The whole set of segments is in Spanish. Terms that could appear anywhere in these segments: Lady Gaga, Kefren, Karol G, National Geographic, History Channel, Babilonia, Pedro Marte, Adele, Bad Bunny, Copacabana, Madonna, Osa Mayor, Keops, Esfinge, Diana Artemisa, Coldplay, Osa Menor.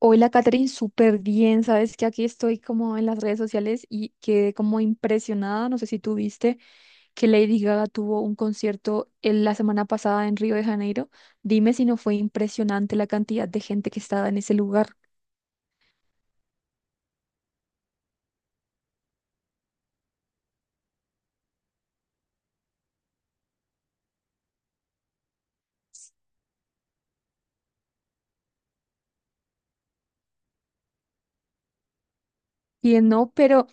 Hola, Catherine, súper bien. Sabes que aquí estoy como en las redes sociales y quedé como impresionada. No sé si tú viste que Lady Gaga tuvo un concierto en la semana pasada en Río de Janeiro. Dime si no fue impresionante la cantidad de gente que estaba en ese lugar. Que no, pero,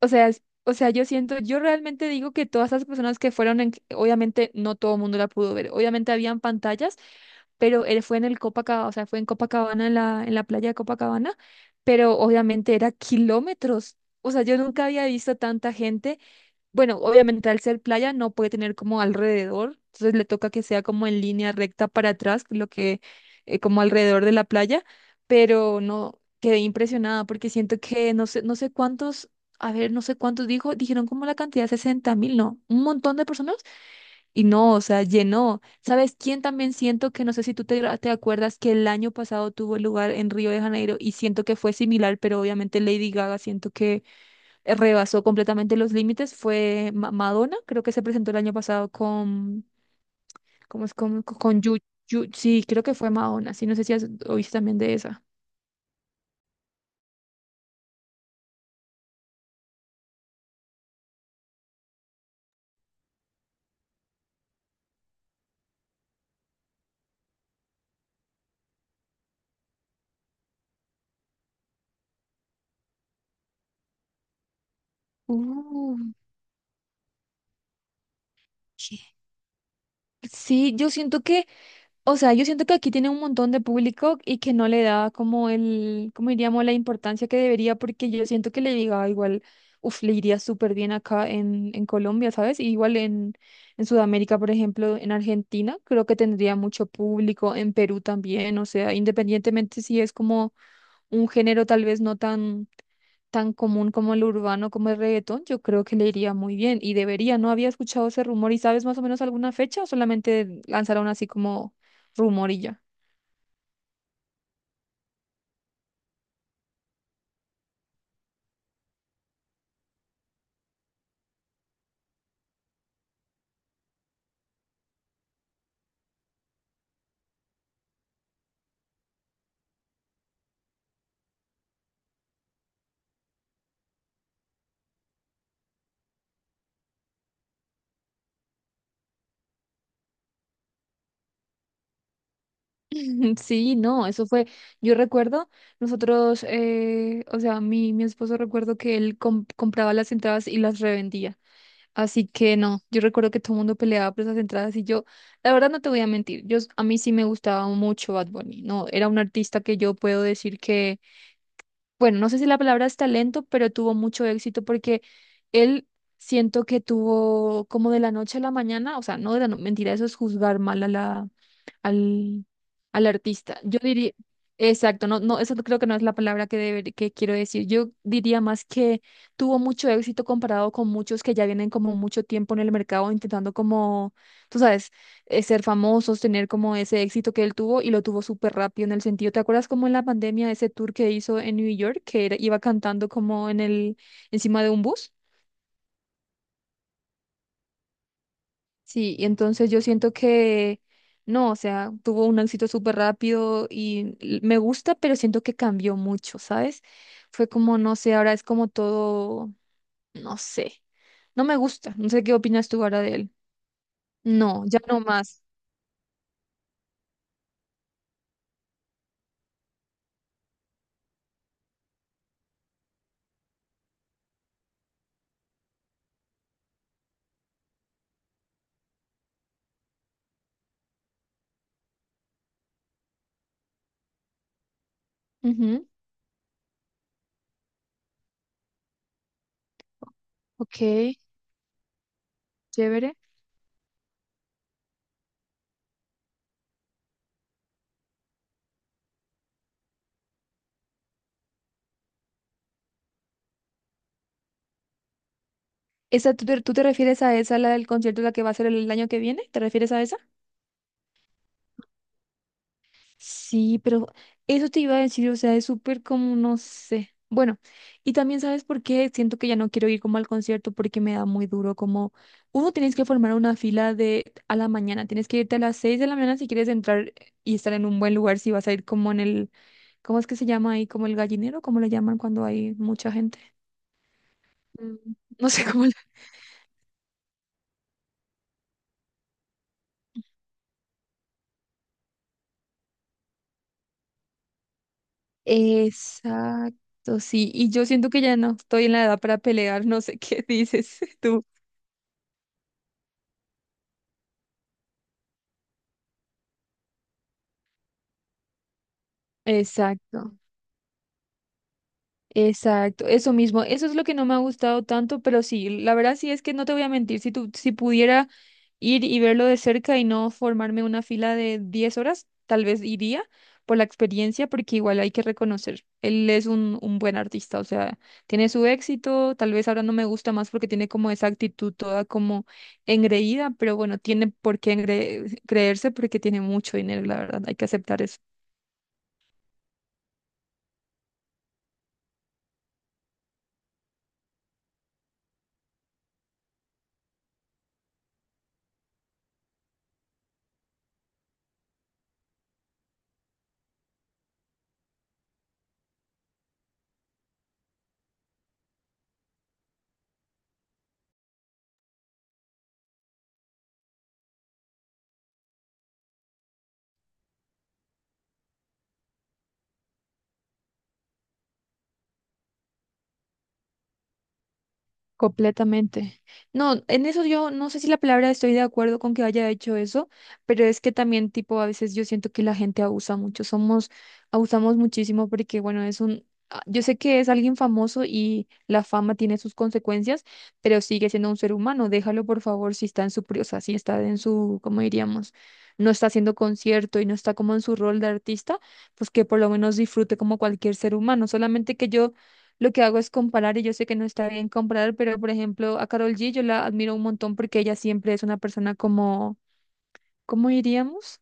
o sea, o sea, yo siento, yo realmente digo que todas esas personas que fueron, obviamente no todo el mundo la pudo ver, obviamente habían pantallas, pero él fue en el Copacabana, o sea, fue en Copacabana, en en la playa de Copacabana, pero obviamente era kilómetros, o sea, yo nunca había visto tanta gente. Bueno, obviamente al ser playa no puede tener como alrededor, entonces le toca que sea como en línea recta para atrás, lo que como alrededor de la playa, pero no quedé impresionada porque siento que no sé, no sé cuántos, a ver, no sé cuántos dijeron como la cantidad, 60.000, no, un montón de personas y no, o sea, llenó. ¿Sabes quién también siento que no sé si tú te acuerdas que el año pasado tuvo lugar en Río de Janeiro y siento que fue similar, pero obviamente Lady Gaga siento que rebasó completamente los límites fue Madonna, creo que se presentó el año pasado con, ¿cómo es? Con, con sí, creo que fue Madonna, sí, no sé si oíste también de esa. Uh, ok. Sí, yo siento que, o sea, yo siento que aquí tiene un montón de público y que no le da como el, como diríamos, la importancia que debería, porque yo siento que le diga igual, uf, le iría súper bien acá en Colombia, ¿sabes? Y igual en Sudamérica, por ejemplo, en Argentina, creo que tendría mucho público, en Perú también, o sea, independientemente si es como un género tal vez no tan tan común como el urbano, como el reggaetón, yo creo que le iría muy bien y debería. No había escuchado ese rumor y sabes más o menos alguna fecha o solamente lanzaron así como rumor y ya. Sí, no, eso fue, yo recuerdo, nosotros, o sea, mi esposo recuerdo que él compraba las entradas y las revendía. Así que no, yo recuerdo que todo el mundo peleaba por esas entradas y yo, la verdad no te voy a mentir, yo, a mí sí me gustaba mucho Bad Bunny, no, era un artista que yo puedo decir que, bueno, no sé si la palabra es talento, pero tuvo mucho éxito porque él siento que tuvo como de la noche a la mañana, o sea, no de la mentira, eso es juzgar mal a la, al, al artista. Yo diría, exacto, no, no, eso creo que no es la palabra que, que quiero decir. Yo diría más que tuvo mucho éxito comparado con muchos que ya vienen como mucho tiempo en el mercado intentando como, tú sabes, ser famosos, tener como ese éxito que él tuvo y lo tuvo súper rápido en el sentido. ¿Te acuerdas como en la pandemia ese tour que hizo en New York, que iba cantando como en el, encima de un bus? Sí, y entonces yo siento que no, o sea, tuvo un éxito súper rápido y me gusta, pero siento que cambió mucho, ¿sabes? Fue como, no sé, ahora es como todo, no sé, no me gusta, no sé qué opinas tú ahora de él. No, ya no más. Ujú, ok, chévere. ¿Esa, tú, tú te refieres a esa, la del concierto, la que va a ser el año que viene? ¿Te refieres a esa? Sí, pero eso te iba a decir, o sea, es súper como, no sé. Bueno, y también sabes por qué siento que ya no quiero ir como al concierto porque me da muy duro, como uno tienes que formar una fila de a la mañana, tienes que irte a las 6 de la mañana si quieres entrar y estar en un buen lugar, si vas a ir como en el, ¿cómo es que se llama ahí? Como el gallinero, ¿cómo le llaman cuando hay mucha gente? Mm, no sé cómo. Exacto, sí, y yo siento que ya no estoy en la edad para pelear, no sé qué dices tú. Exacto. Exacto, eso mismo, eso es lo que no me ha gustado tanto, pero sí, la verdad sí es que no te voy a mentir, si tú, si pudiera ir y verlo de cerca y no formarme una fila de 10 horas, tal vez iría por la experiencia, porque igual hay que reconocer, él es un buen artista, o sea, tiene su éxito, tal vez ahora no me gusta más porque tiene como esa actitud toda como engreída, pero bueno, tiene por qué creerse porque tiene mucho dinero, la verdad, hay que aceptar. Completamente. No, en eso yo no sé si la palabra estoy de acuerdo con que haya hecho eso, pero es que también tipo a veces yo siento que la gente abusa mucho, somos, abusamos muchísimo porque bueno, es un, ah, yo sé que es alguien famoso y la fama tiene sus consecuencias, pero sigue siendo un ser humano, déjalo por favor si está en su, o sea, si está en su, ¿cómo diríamos? No está haciendo concierto y no está como en su rol de artista, pues que por lo menos disfrute como cualquier ser humano, solamente que yo lo que hago es comparar y yo sé que no está bien comparar, pero por ejemplo a Carol G yo la admiro un montón porque ella siempre es una persona como, ¿cómo diríamos?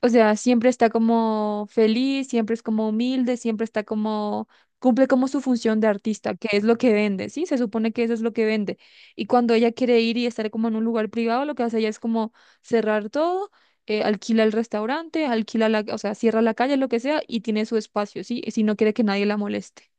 O sea, siempre está como feliz, siempre es como humilde, siempre está como, cumple como su función de artista, que es lo que vende, ¿sí? Se supone que eso es lo que vende. Y cuando ella quiere ir y estar como en un lugar privado, lo que hace ella es como cerrar todo. Alquila el restaurante, alquila la, o sea, cierra la calle, lo que sea, y tiene su espacio, ¿sí? Si no quiere que nadie la moleste.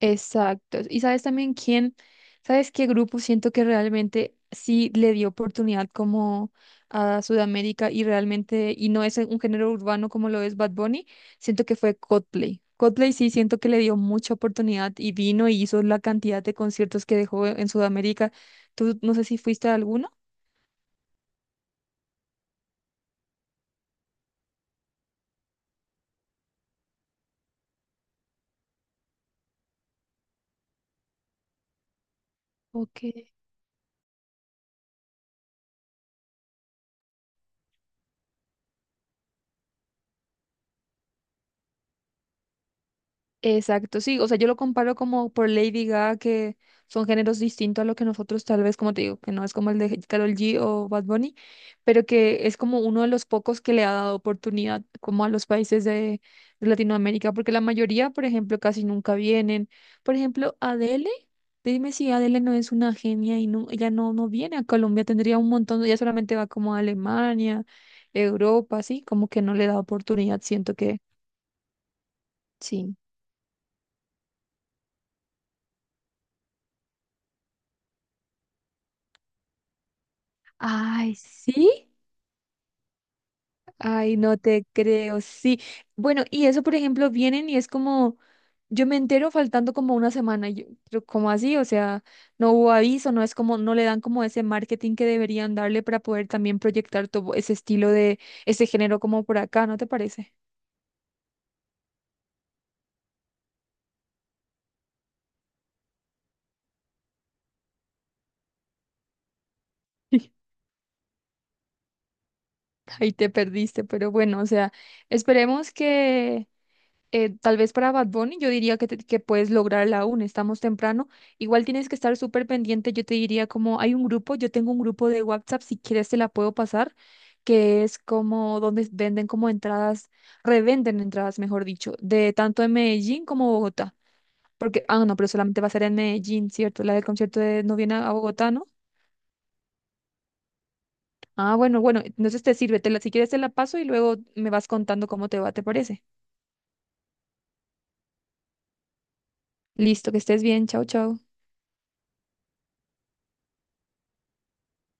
Exacto. Y sabes también quién, sabes qué grupo siento que realmente sí le dio oportunidad como a Sudamérica y realmente, y no es un género urbano como lo es Bad Bunny, siento que fue Coldplay. Coldplay sí siento que le dio mucha oportunidad y vino y hizo la cantidad de conciertos que dejó en Sudamérica. Tú no sé si fuiste a alguno. Ok. Exacto, sí, o sea, yo lo comparo como por Lady Gaga, que son géneros distintos a lo que nosotros tal vez, como te digo, que no es como el de Karol G o Bad Bunny, pero que es como uno de los pocos que le ha dado oportunidad como a los países de Latinoamérica, porque la mayoría, por ejemplo, casi nunca vienen. Por ejemplo, Adele, dime si Adele no es una genia y no, ella no, no viene a Colombia, tendría un montón, ella solamente va como a Alemania, Europa, sí, como que no le da oportunidad, siento que sí. Ay, sí. Ay, no te creo, sí. Bueno, y eso, por ejemplo, vienen y es como, yo me entero faltando como una semana, y yo, pero ¿cómo así? O sea, no hubo aviso, no es como, no le dan como ese marketing que deberían darle para poder también proyectar todo ese estilo de, ese género como por acá, ¿no te parece? Ahí te perdiste, pero bueno, o sea, esperemos que tal vez para Bad Bunny, yo diría que, que puedes lograrla aún, estamos temprano. Igual tienes que estar súper pendiente, yo te diría como hay un grupo, yo tengo un grupo de WhatsApp, si quieres te la puedo pasar, que es como donde venden como entradas, revenden entradas, mejor dicho, de tanto en Medellín como Bogotá. Porque, ah, no, pero solamente va a ser en Medellín, ¿cierto? La del concierto de, no viene a Bogotá, ¿no? Ah, bueno, bueno, entonces te sirve, si quieres te la paso y luego me vas contando cómo te va, ¿te parece? Listo, que estés bien, chao, chao.